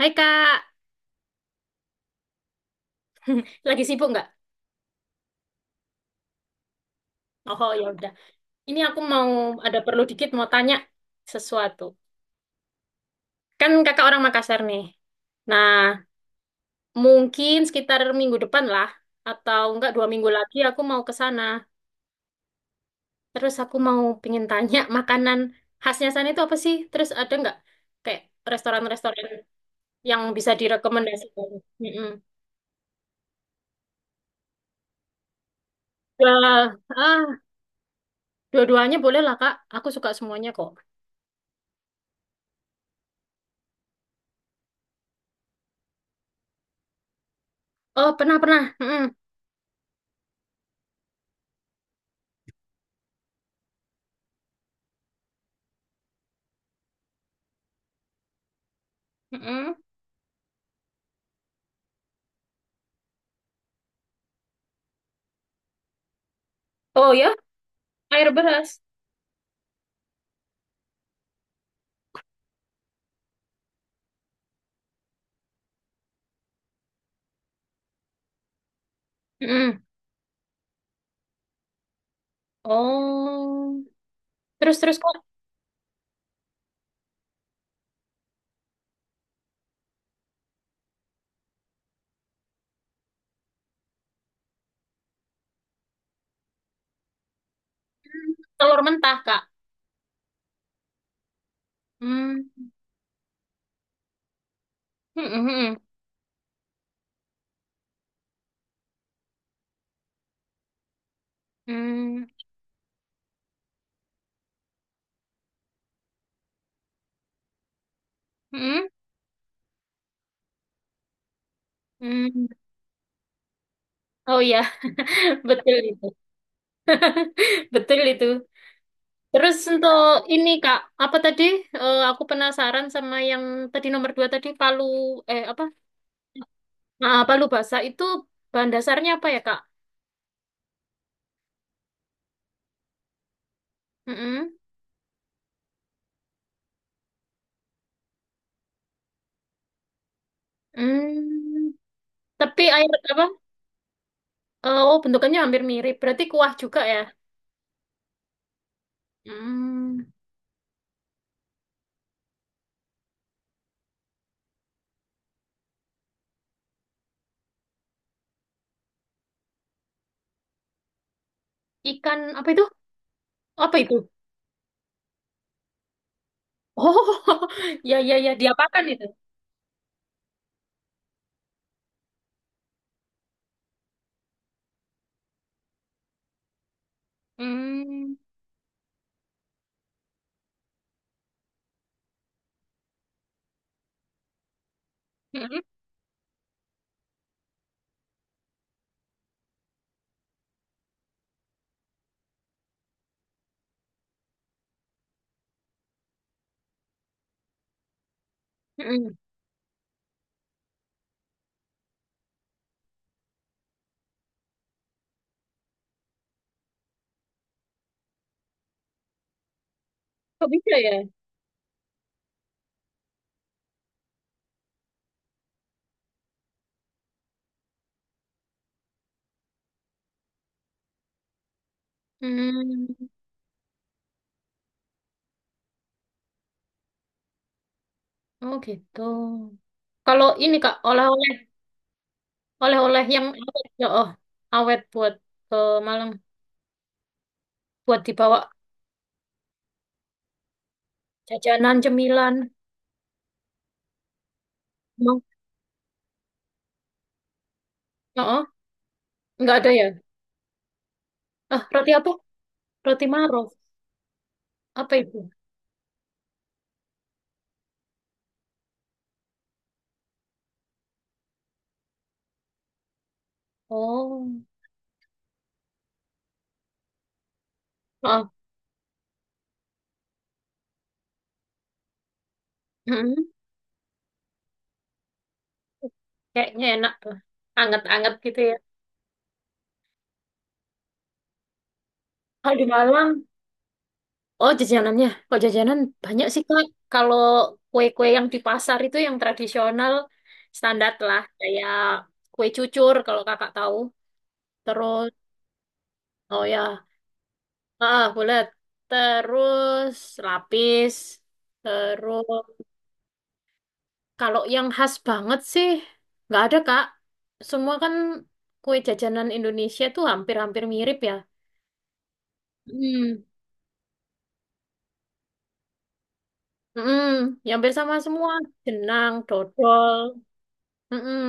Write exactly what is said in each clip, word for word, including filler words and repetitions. Hai Kak, lagi sibuk nggak? Oh ya udah. Ini aku mau ada perlu dikit mau tanya sesuatu. Kan Kakak orang Makassar nih. Nah, mungkin sekitar minggu depan lah, atau enggak dua minggu lagi aku mau ke sana. Terus aku mau pengen tanya makanan khasnya sana itu apa sih? Terus ada nggak kayak restoran-restoran yang bisa direkomendasikan? Mm-mm. Ya, ah, dua-duanya boleh lah Kak. Aku suka semuanya kok. Oh pernah pernah. Mm-mm. Mm-mm. Oh ya. Air beras. Mm-mm. Oh. Terus terus kok. mm, Telur mentah, Kak. Hmm. Mm-mm, mm-mm. Mm, mm-mm, mm. Oh ya, betul itu. Betul itu. Terus untuk ini, Kak, apa tadi? Eh, aku penasaran sama yang tadi nomor dua tadi palu eh apa? Nah, palu basah itu bahan dasarnya apa ya, Kak? Mm-mm. Mm. Tapi air apa? Eh, oh, bentukannya hampir mirip. Berarti kuah juga ya. Hmm. Ikan apa itu? Apa itu? Oh, ya ya ya diapakan itu? Hmm. Mm-mm, mm-mm. Kok bisa ya? Hmm. Oh gitu. Kalau ini Kak, oleh-oleh oleh-oleh yang awet ya. Oh, awet buat ke Malang, buat dibawa jajanan cemilan. Mau? Oh, oh. Nggak ada ya? Ah, roti apa? Roti Maro. Apa itu? Oh. Oh. Mm-mm. Kayaknya enak tuh. Anget-anget gitu ya. Kalau di Malang. Oh, jajanannya. Kok jajanan banyak sih, Kak. Kalau kue-kue yang di pasar itu yang tradisional standar lah. Kayak kue cucur kalau kakak tahu. Terus, oh ya, ah, bulat. Terus lapis. Terus, kalau yang khas banget sih, nggak ada, Kak. Semua kan kue jajanan Indonesia tuh hampir-hampir mirip ya. Hmm. Mm-mm. Ya, hampir sama semua. Jenang, dodol. Mm-mm.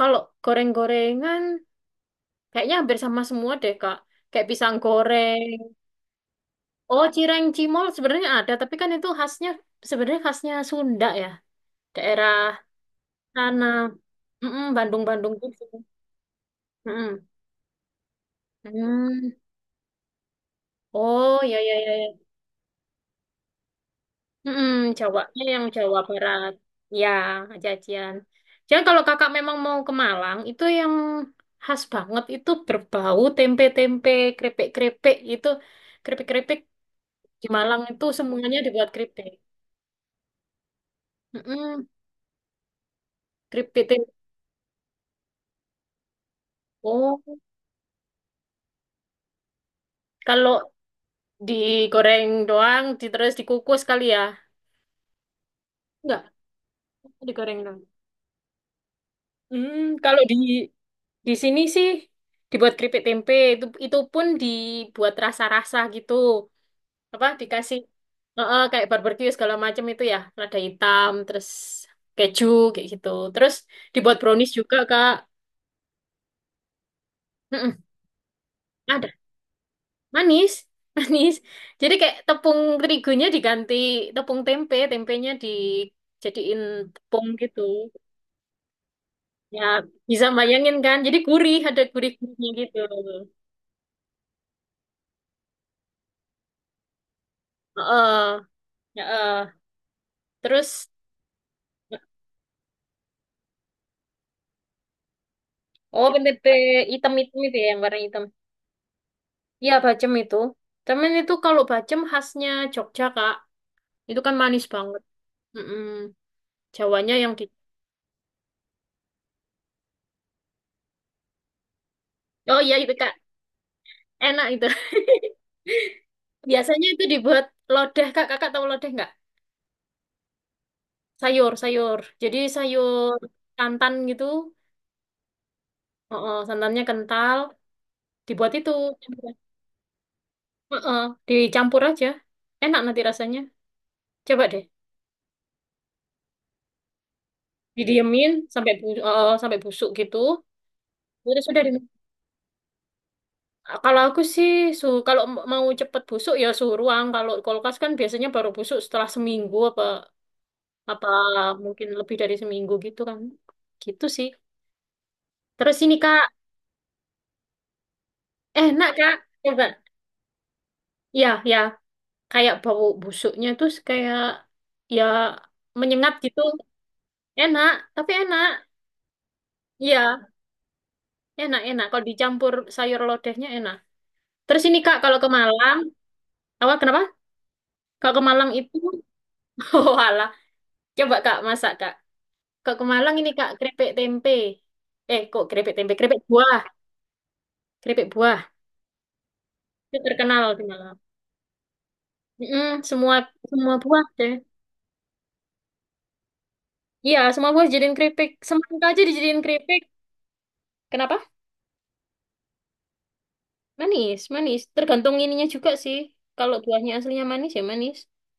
Kalau goreng-gorengan, kayaknya hampir sama semua deh, Kak. Kayak pisang goreng. Oh, cireng cimol sebenarnya ada, tapi kan itu khasnya, sebenarnya khasnya Sunda ya. Daerah sana. Mm-mm, Bandung-Bandung gitu. Mm-mm. Hmm. Oh, ya, ya, ya, ya. Mm-mm, Jawanya yang Jawa Barat. Ya, jajan. Jangan kalau kakak memang mau ke Malang, itu yang khas banget itu berbau tempe-tempe, krepek-krepek itu. Keripik-keripik. Di Malang itu semuanya dibuat keripik. Mm-mm, keripik tempo. Kalau digoreng doang, di- terus dikukus kali ya? Enggak, digoreng doang. Hmm, kalau di di sini sih dibuat keripik tempe itu itu pun dibuat rasa-rasa gitu. Apa dikasih eh, eh, kayak barbeque segala macam itu ya, lada hitam, terus keju kayak gitu. Terus dibuat brownies juga, Kak. Mm-mm. Manis, manis. Jadi kayak tepung terigunya diganti tepung tempe, tempenya dijadiin tepung gitu. Ya, bisa bayangin kan? Jadi gurih, ada gurih-gurihnya gitu. Heeh, heeh. Terus, oh tempe hitam-hitam itu ya, yang warna hitam. Iya, bacem itu. Cuman itu kalau bacem khasnya Jogja, Kak. Itu kan manis banget. Mm-mm. Jawanya yang di... Oh iya, itu, Kak. Enak itu. Biasanya itu dibuat lodeh, Kak. Kakak tahu lodeh nggak? Sayur, sayur. Jadi sayur santan gitu. Heeh, santannya kental. Dibuat itu. Heeh, dicampur aja. Enak nanti rasanya. Coba deh. Didiemin sampai bu eh, sampai busuk gitu. Udah sudah di Kalau aku sih su kalau m- mau cepet busuk ya suhu ruang. Kalau kulkas kan biasanya baru busuk setelah seminggu apa apa mungkin lebih dari seminggu gitu kan. Gitu sih. Terus ini Kak, enak Kak. Coba. Ya, ya. Kayak bau busuknya tuh kayak, ya, menyengat gitu. Enak, tapi enak. Iya, enak enak kalau dicampur sayur lodehnya enak. Terus ini kak, kalau ke Malang, apa, kenapa, kalau ke Malang itu, oh alah, coba kak, masak kak, kalau ke Malang ini kak keripik tempe, eh kok keripik tempe keripik buah, keripik buah itu terkenal di Malang. Mm-mm, semua semua buah deh. Iya, semua buah dijadiin keripik, semangka aja dijadiin keripik. Kenapa? Manis, manis. Tergantung ininya juga sih. Kalau buahnya aslinya manis ya manis.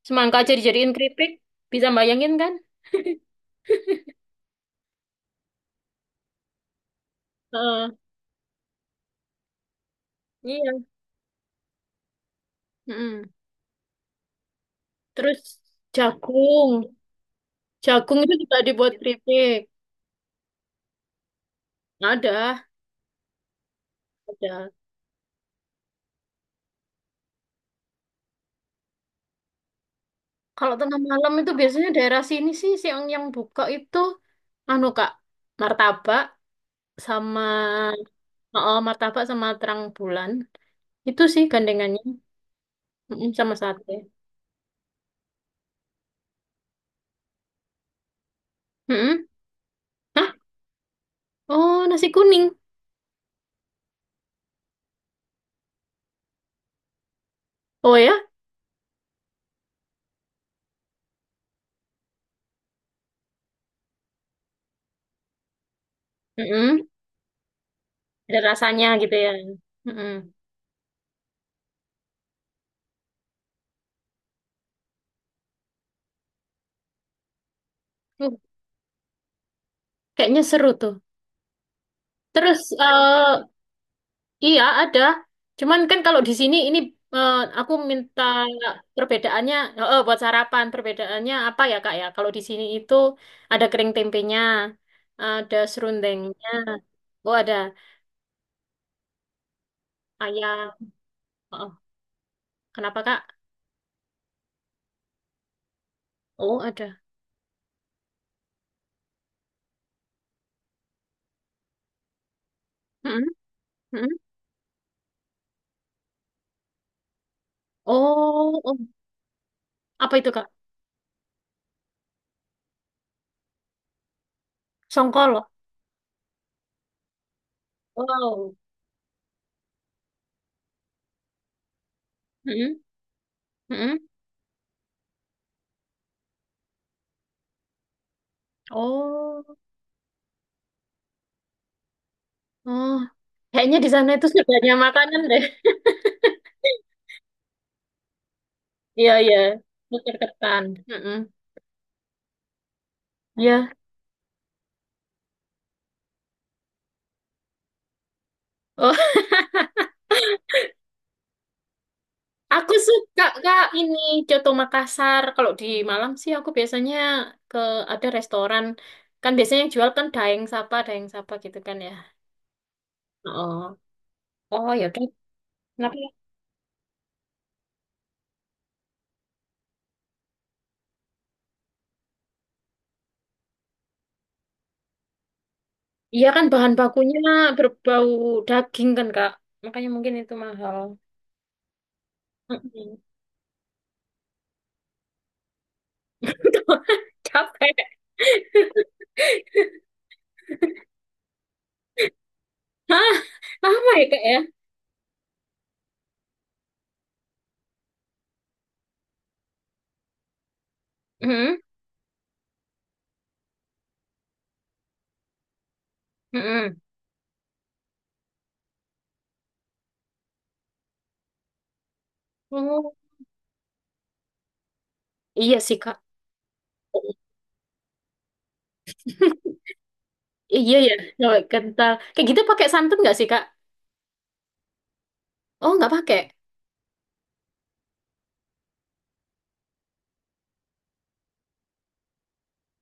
Semangka aja dijadiin keripik. Bisa bayangin kan? Heeh, iya. Mm-mm. Terus jagung. Jagung itu juga dibuat keripik. Ada, ada. Kalau tengah malam itu biasanya daerah sini sih sih yang yang buka itu anu Kak, martabak sama oh, martabak sama terang bulan. Itu sih gandengannya. Mm-mm, sama sate. Mm-mm. Hah? Oh, nasi kuning. Oh ya? Mm-mm. Ada rasanya gitu ya. Mm-mm. Uh, Kayaknya seru tuh. Terus, eh iya ada. Cuman kan kalau di sini ini, eh, aku minta perbedaannya, eh, eh, buat sarapan, perbedaannya apa ya Kak ya? Kalau di sini itu ada kering tempenya, ada serundengnya. Oh ada ayam. Oh, kenapa Kak? Oh ada. Mm-mm. Mm-mm. Oh, oh. Apa itu Kak? Songkol. Wow. Mm-mm. Mm-mm. Oh. Oh, kayaknya di sana itu sebanyak makanan deh. Iya, iya. Nuker ketan. Mm-mm. Iya. Oh, aku suka Kak ini Coto Makassar. Kalau di Malam sih aku biasanya ke ada restoran, kan biasanya yang jual kan daeng sapa, daeng sapa gitu kan ya. Oh. Oh, ya udah. Kenapa, ya? Iya kan bahan bakunya berbau daging kan Kak. Makanya mungkin itu mahal. Mm-mm. Capek. Hah? Lama ya Kak ya? Mm-mm. Oh, iya sih, Kak. Iya ya, cewek kental. Kayak gitu pakai santan nggak sih, Kak? Oh, nggak pakai.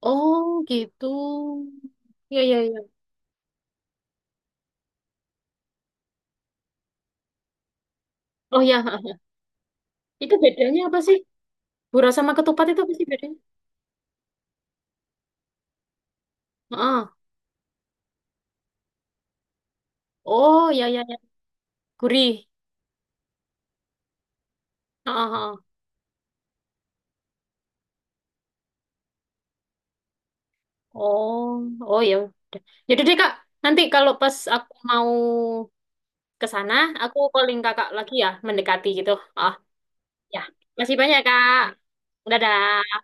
Oh, gitu. Iya, iya, iya. Oh, ya. Itu bedanya apa sih? Gurah sama ketupat itu apa sih bedanya? Ah. Oh, iya, iya, iya. Gurih. Ah. Heeh. Oh, oh ya udah. Jadi deh, Kak. Nanti kalau pas aku mau ke sana, aku calling Kakak lagi ya, mendekati gitu. Oh, ya. Masih banyak, Kak. Dadah.